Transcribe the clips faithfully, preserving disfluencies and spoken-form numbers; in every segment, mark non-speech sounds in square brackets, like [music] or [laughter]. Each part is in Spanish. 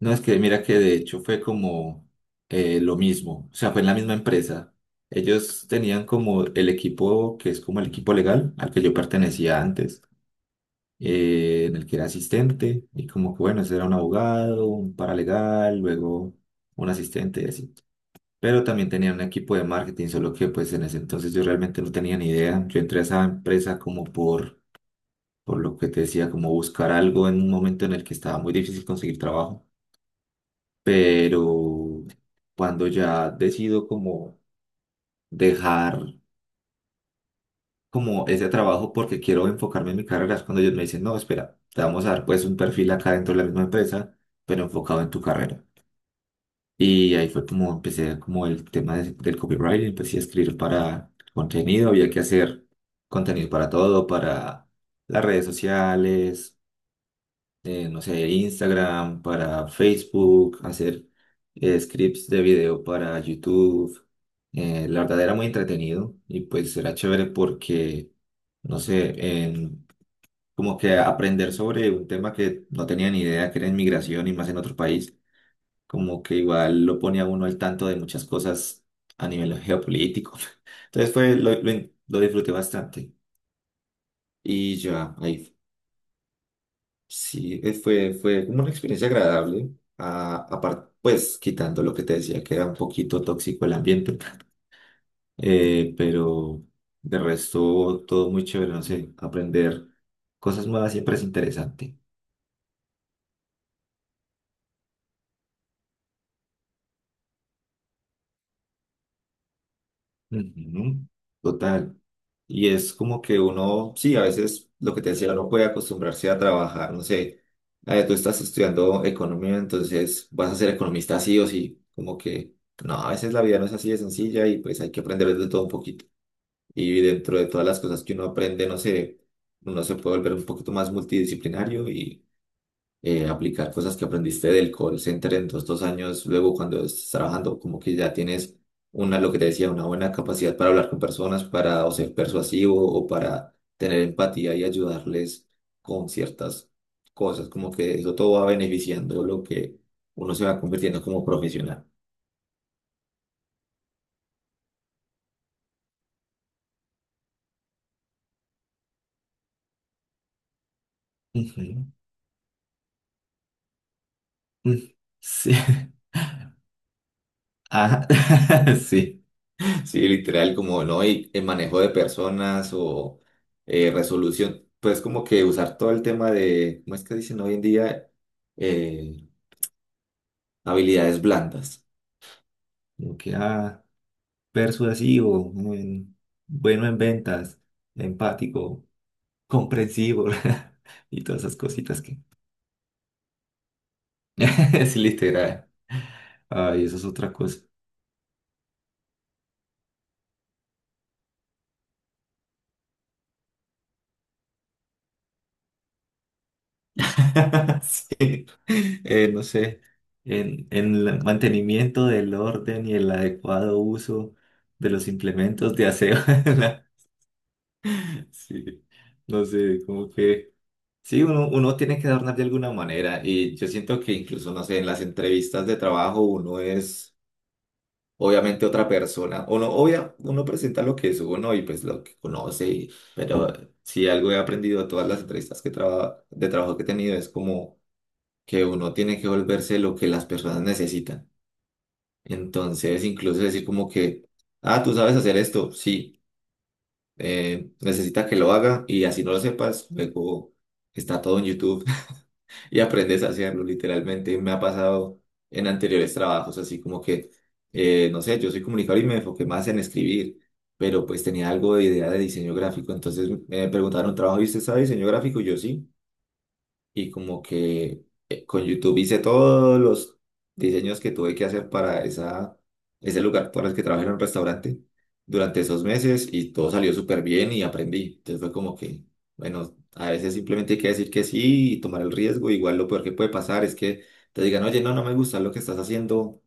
No, es que mira que de hecho fue como eh, lo mismo, o sea, fue en la misma empresa. Ellos tenían como el equipo que es como el equipo legal al que yo pertenecía antes, eh, en el que era asistente, y como que bueno, ese era un abogado, un paralegal, luego un asistente y así. Pero también tenían un equipo de marketing, solo que pues en ese entonces yo realmente no tenía ni idea. Yo entré a esa empresa como por por lo que te decía, como buscar algo en un momento en el que estaba muy difícil conseguir trabajo, pero cuando ya decido como dejar como ese trabajo porque quiero enfocarme en mi carrera, es cuando ellos me dicen, no, espera, te vamos a dar pues un perfil acá dentro de la misma empresa, pero enfocado en tu carrera. Y ahí fue como empecé como el tema de- del copywriting, empecé a escribir para contenido, había que hacer contenido para todo, para las redes sociales, eh, no sé, Instagram, para Facebook, hacer eh, scripts de video para YouTube. Eh, la verdad era muy entretenido y pues era chévere porque, no sé, en- como que aprender sobre un tema que no tenía ni idea, que era inmigración y más en otro país, como que igual lo pone a uno al tanto de muchas cosas a nivel geopolítico. [laughs] Entonces fue, lo, lo, lo disfruté bastante. Y ya, ahí. Sí, eh, fue, fue como una experiencia agradable, a, apar- pues quitando lo que te decía, que era un poquito tóxico el ambiente, [laughs] eh, pero de resto todo muy chévere, no sé, aprender cosas nuevas siempre es interesante. Ujú. Total. Y es como que uno, sí, a veces lo que te decía, uno puede acostumbrarse a trabajar, no sé, eh, tú estás estudiando economía, entonces vas a ser economista sí o sí, como que... No, a veces la vida no es así de sencilla y pues hay que aprender de todo un poquito. Y dentro de todas las cosas que uno aprende, no sé, uno se puede volver un poquito más multidisciplinario y eh, aplicar cosas que aprendiste del call center en dos, dos años. Luego, cuando estás trabajando, como que ya tienes una, lo que te decía, una buena capacidad para hablar con personas, para o ser persuasivo o para tener empatía y ayudarles con ciertas cosas. Como que eso todo va beneficiando lo que uno se va convirtiendo como profesional. Ujú. Mm. Sí. [laughs] Ah, [laughs] sí. Sí, literal, como no, y el manejo de personas o eh, resolución, pues como que usar todo el tema de, ¿cómo es que dicen hoy en día? Eh, habilidades blandas. Como que, ah, persuasivo, mm, bueno en ventas, empático, comprensivo [laughs] y todas esas cositas que... [laughs] Es literal. Ay, eso es otra cosa. [laughs] Sí. eh, no sé, en, en el mantenimiento del orden y el adecuado uso de los implementos de aseo. [laughs] en la- Sí, no sé, como que... Sí, uno, uno tiene que adornar de alguna manera y yo siento que incluso, no sé, en las entrevistas de trabajo uno es obviamente otra persona. Uno, obvia, uno presenta lo que es uno y pues lo que conoce, y- pero si algo he aprendido de todas las entrevistas que traba- de trabajo que he tenido es como que uno tiene que volverse lo que las personas necesitan. Entonces, incluso decir como que, ah, tú sabes hacer esto, sí, eh, necesita que lo haga y así no lo sepas, luego está todo en YouTube [laughs] y aprendes a hacerlo, literalmente me ha pasado en anteriores trabajos, así como que, eh, no sé, yo soy comunicador y me enfoqué más en escribir, pero pues tenía algo de idea de diseño gráfico, entonces me preguntaron, ¿trabajo y usted sabe diseño gráfico? Y yo sí, y como que eh, con YouTube hice todos los diseños que tuve que hacer para esa, ese lugar, para el que trabajé en un restaurante durante esos meses y todo salió súper bien y aprendí. Entonces fue como que, bueno, a veces simplemente hay que decir que sí y tomar el riesgo. Igual lo peor que puede pasar es que te digan, oye, no, no me gusta lo que estás haciendo,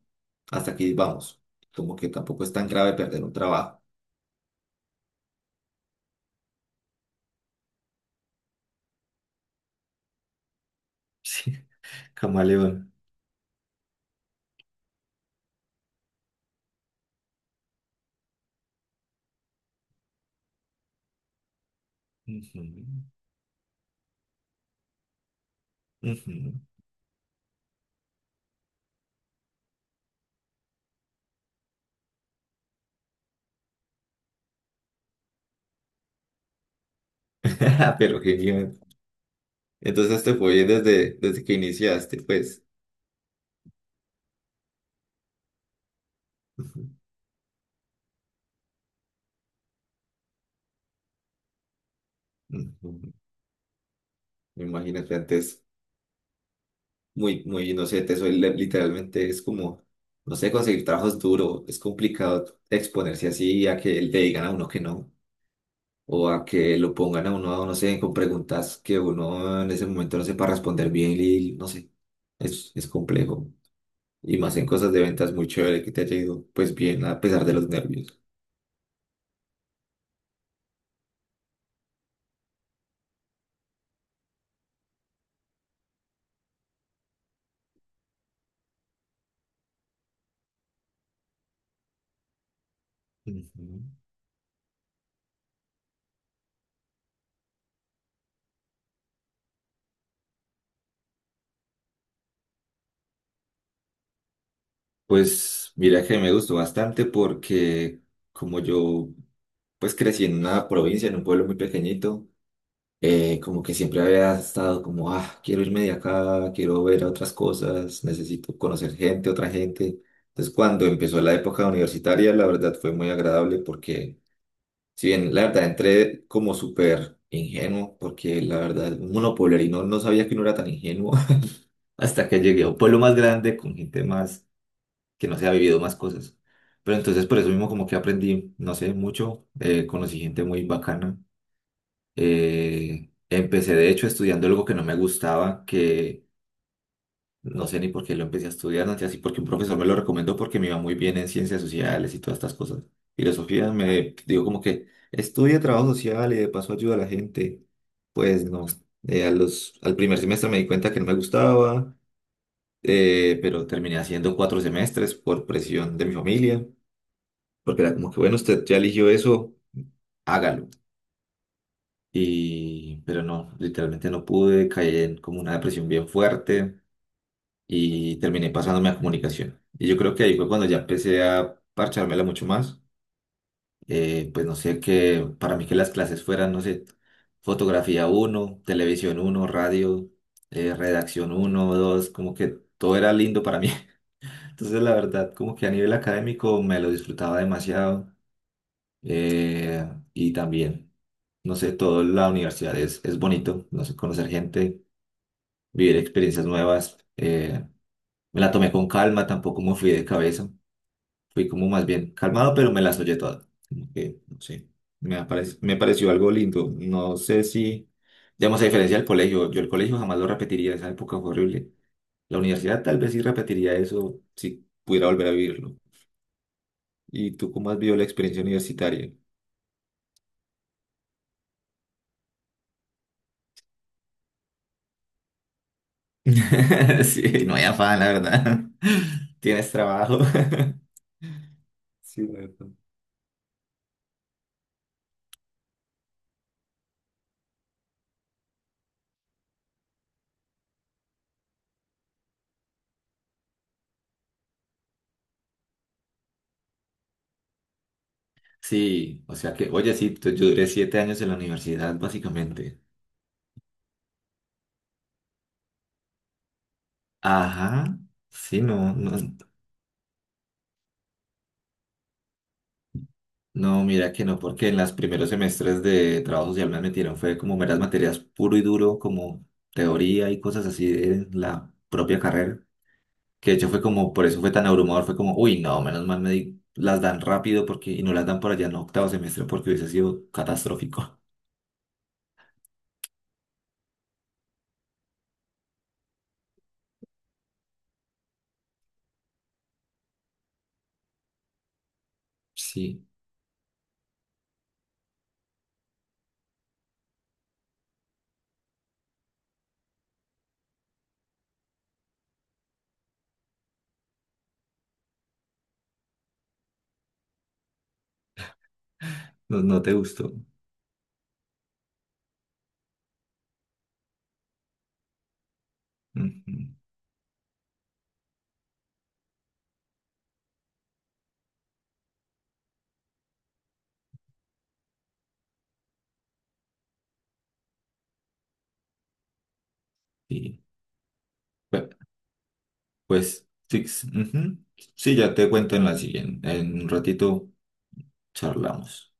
hasta aquí vamos. Como que tampoco es tan grave perder un trabajo. [laughs] Sí, camaleón. Ujú, ujú. [laughs] Pero genial. Entonces te fue bien desde, desde que iniciaste, pues. Ujú, ujú. Imagínate, antes muy, muy inocente, soy li- literalmente es como, no sé, conseguir trabajos duro, es complicado exponerse así a que le digan a uno que no, o a que lo pongan a uno, no sé, con preguntas que uno en ese momento no sepa responder bien y no sé, es, es complejo. Y más en cosas de ventas, muy chévere que te haya ido pues bien a pesar de los nervios. Ujú. Pues mira que me gustó bastante porque como yo pues crecí en una provincia, en un pueblo muy pequeñito, eh, como que siempre había estado como, ah, quiero irme de acá, quiero ver otras cosas, necesito conocer gente, otra gente. Entonces, cuando empezó la época universitaria, la verdad fue muy agradable porque, si bien la verdad entré como súper ingenuo, porque la verdad, un monopolerino no sabía que no era tan ingenuo [laughs] hasta que llegué a un pueblo más grande con gente más que no se ha vivido más cosas. Pero entonces por eso mismo como que aprendí, no sé, mucho, eh, conocí gente muy bacana. Eh, empecé de hecho estudiando algo que no me gustaba, que no sé ni por qué lo empecé a estudiar, no sé, así porque un profesor me lo recomendó porque me iba muy bien en ciencias sociales y todas estas cosas. Filosofía me digo como que estudia trabajo social y de paso ayuda a la gente. Pues no, eh, a los, al primer semestre me di cuenta que no me gustaba, eh, pero terminé haciendo cuatro semestres por presión de mi familia, porque era como que bueno, usted ya eligió eso, hágalo. Y, pero no, literalmente no pude, caí en como una depresión bien fuerte y terminé pasándome a comunicación. Y yo creo que ahí fue cuando ya empecé a parchármela mucho más. Eh, pues no sé, que para mí que las clases fueran, no sé, fotografía uno televisión uno radio, eh, redacción uno dos como que todo era lindo para mí. [laughs] Entonces la verdad, como que a nivel académico me lo disfrutaba demasiado. eh, y también, no sé, toda la universidad es, es bonito, no sé, conocer gente, vivir experiencias nuevas. Eh, me la tomé con calma, tampoco me fui de cabeza, fui como más bien calmado, pero me las oye todas. Como que, no sé, me, apare- me pareció algo lindo. No sé si, digamos, a diferencia del colegio, yo el colegio jamás lo repetiría, esa época fue horrible. La universidad tal vez sí repetiría eso si pudiera volver a vivirlo. ¿Y tú cómo has vivido la experiencia universitaria? [laughs] Sí, no hay afán, la verdad. [laughs] Tienes trabajo. [laughs] Sí, la verdad. Sí, o sea que, oye, sí, tú- yo duré siete años en la universidad, básicamente. Ajá, sí, no, no, no, mira que no, porque en los primeros semestres de trabajo social me metieron, fue como meras materias puro y duro, como teoría y cosas así de la propia carrera, que de hecho fue como, por eso fue tan abrumador, fue como, uy, no, menos mal me di- las dan rápido porque, y no las dan por allá en octavo semestre porque hubiese sido catastrófico. Sí, no, no te gustó. Ujú. Sí. Bueno, pues, sí, sí, ujú. Sí, ya te cuento en la siguiente. En un ratito charlamos.